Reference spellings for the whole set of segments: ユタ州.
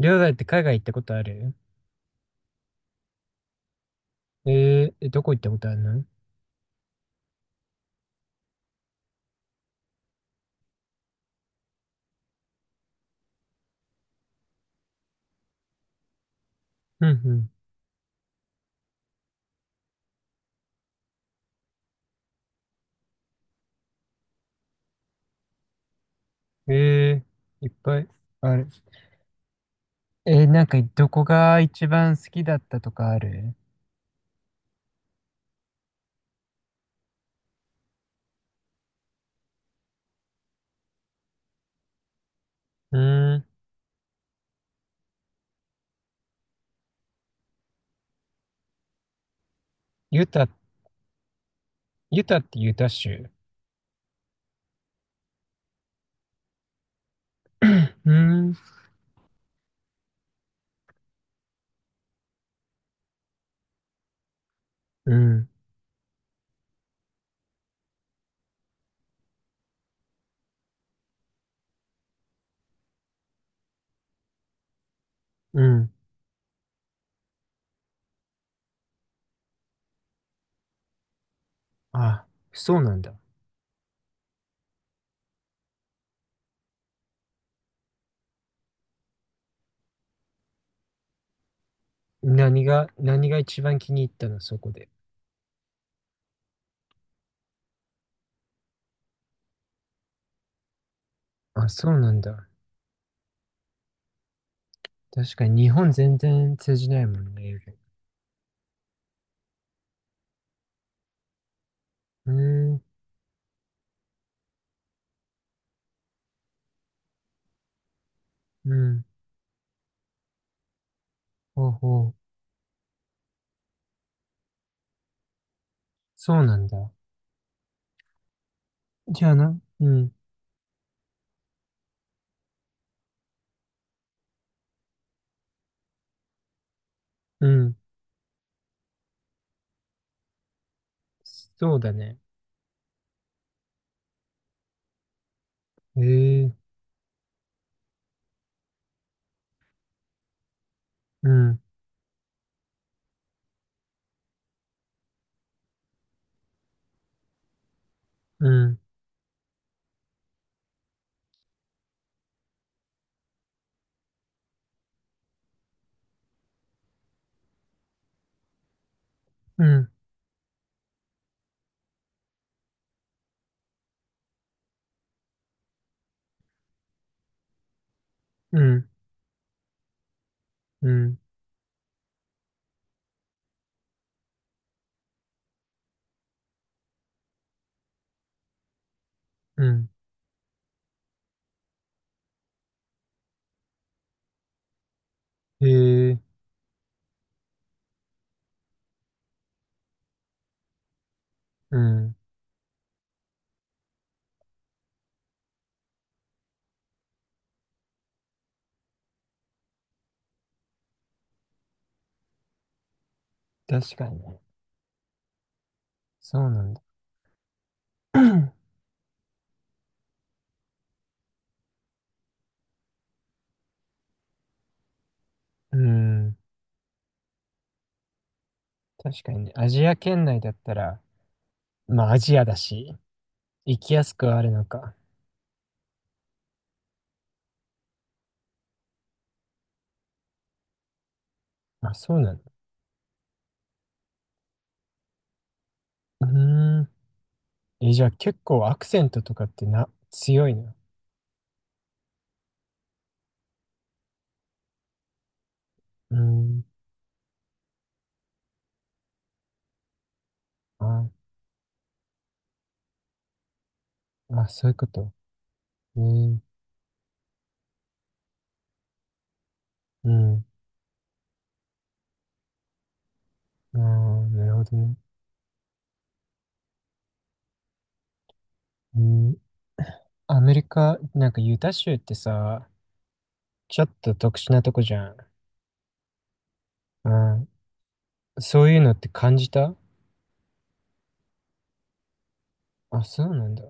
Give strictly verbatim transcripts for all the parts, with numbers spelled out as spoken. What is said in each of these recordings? りょうだいって海外行ったことある？えー、えどこ行ったことあるの？うんうん。えー、いっぱいある。えー、なんかどこが一番好きだったとかある？うーん。ユタ、ユタってユタ州？うーん。うん。うん。あ、そうなんだ。何が、何が一番気に入ったの、そこで？あ、そうなんだ。確かに日本全然通じないもんね、英語。うーん。うん。ほうほう。そうなんだ。じゃあな。うん。うん。そうだね。ええ、うん、うん、うん、うん、うん、うん。ええ、うん。確かにね。そうなんだ。うん。確かにね。アジア圏内だったら、まあアジアだし、行きやすくはあるのか。まあ、そうなんだ。うーん。え、じゃあ結構アクセントとかってな、強いな？うーん。あ、まあ、そういうこと。えー、うん。あー、なるほどね。うん。アメリカ、なんかユタ州ってさ、ちょっと特殊なとこじゃん。うん。そういうのって感じた？あ、そうなんだ。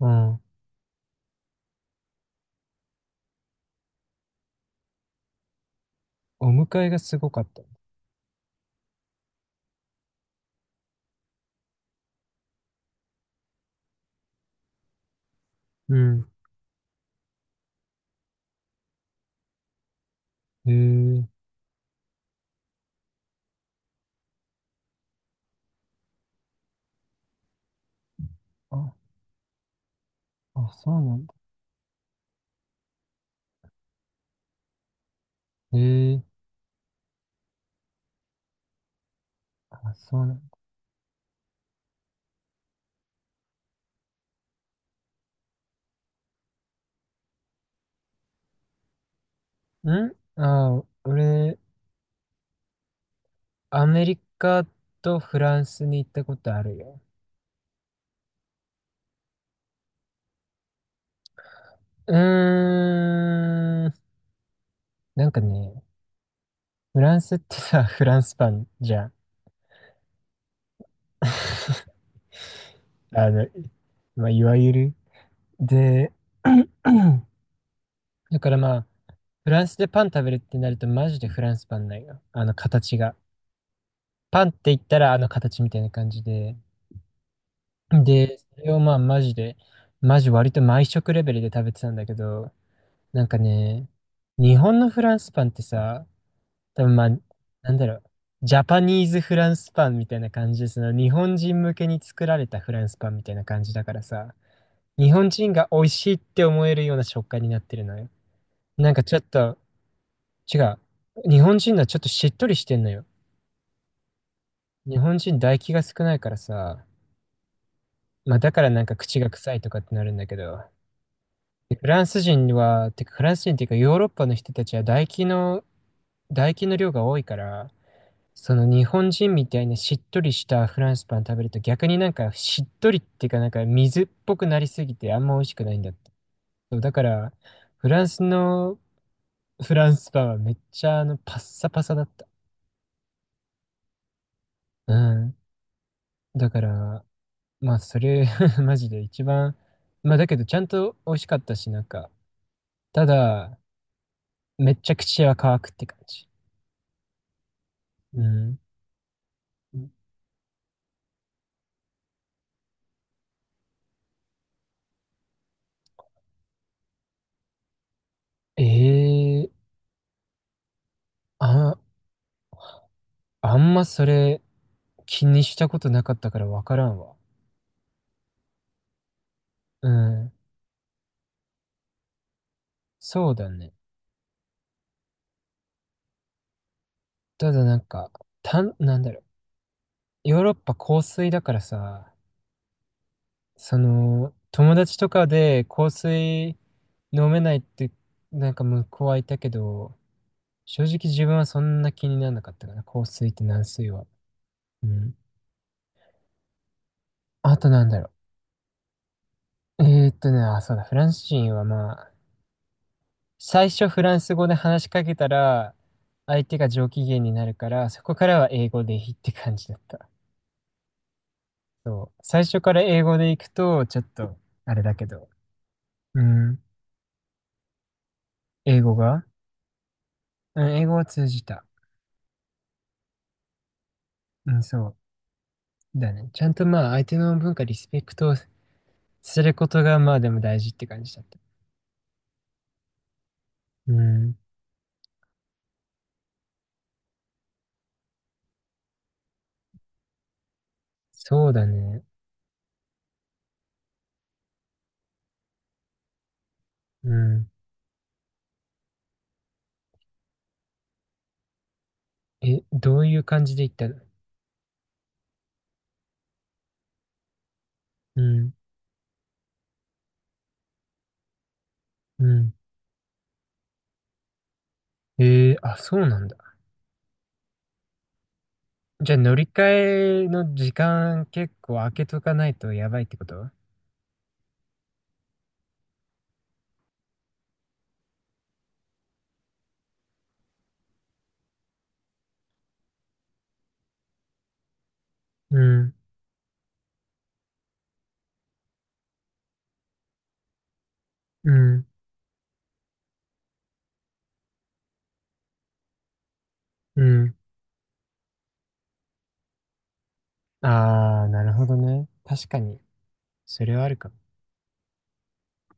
うん。お迎えがすごかった？うん。へえ。あ、あ、そうなんだ。へえ。あ、そうなんだ。んあ、俺、アメリカとフランスに行ったことあるよ。うーん。なんかね、フランスってさ、フランスパンじゃん。あの、まあ、いわゆる。で、だからまあ、フランスでパン食べるってなるとマジでフランスパンないよ。あの形が。パンって言ったらあの形みたいな感じで。で、それをまあマジで、マジ割と毎食レベルで食べてたんだけど、なんかね、日本のフランスパンってさ、多分まあ、なんだろう、ジャパニーズフランスパンみたいな感じで、その日本人向けに作られたフランスパンみたいな感じだからさ、日本人が美味しいって思えるような食感になってるのよ。なんかちょっと、違う。日本人はちょっとしっとりしてんのよ。日本人唾液が少ないからさ、まあだからなんか口が臭いとかってなるんだけど、でフランス人は、てかフランス人っていうかヨーロッパの人たちは唾液の、唾液の量が多いから、その日本人みたいにしっとりしたフランスパン食べると逆になんかしっとりっていうかなんか水っぽくなりすぎてあんま美味しくないんだって。そうだからフランスのフランスパンはめっちゃあのパッサパサだった。うん。だからまあ、それ マジで一番、まあ、だけど、ちゃんと美味しかったし、なんか、ただ、めっちゃ口は乾くって感じ。うん。ええあ、あんまそれ気にしたことなかったからわからんわ。うん。そうだね。ただなんか、たん、なんだろう。ヨーロッパ香水だからさ、その、友達とかで香水飲めないって、なんか向こうはいたけど、正直自分はそんな気にならなかったかな。香水って軟水は。うん。あとなんだろう。えーっとね、あ、そうだ、フランス人はまあ、最初フランス語で話しかけたら、相手が上機嫌になるから、そこからは英語でいいって感じだった。そう。最初から英語で行くと、ちょっと、あれだけど。うん。英語が？うん、英語は通じた。うん、そう。だね。ちゃんとまあ、相手の文化、リスペクトすることが、まあでも大事って感じだった。うん。そうだね。うん。え、どういう感じで行ったの？うん、うん。ええあ、そうなんだ。じゃあ乗り換えの時間結構空けとかないとやばいってこと？うん、うん、うん。あー、なるほどね。確かに、それはあるかも。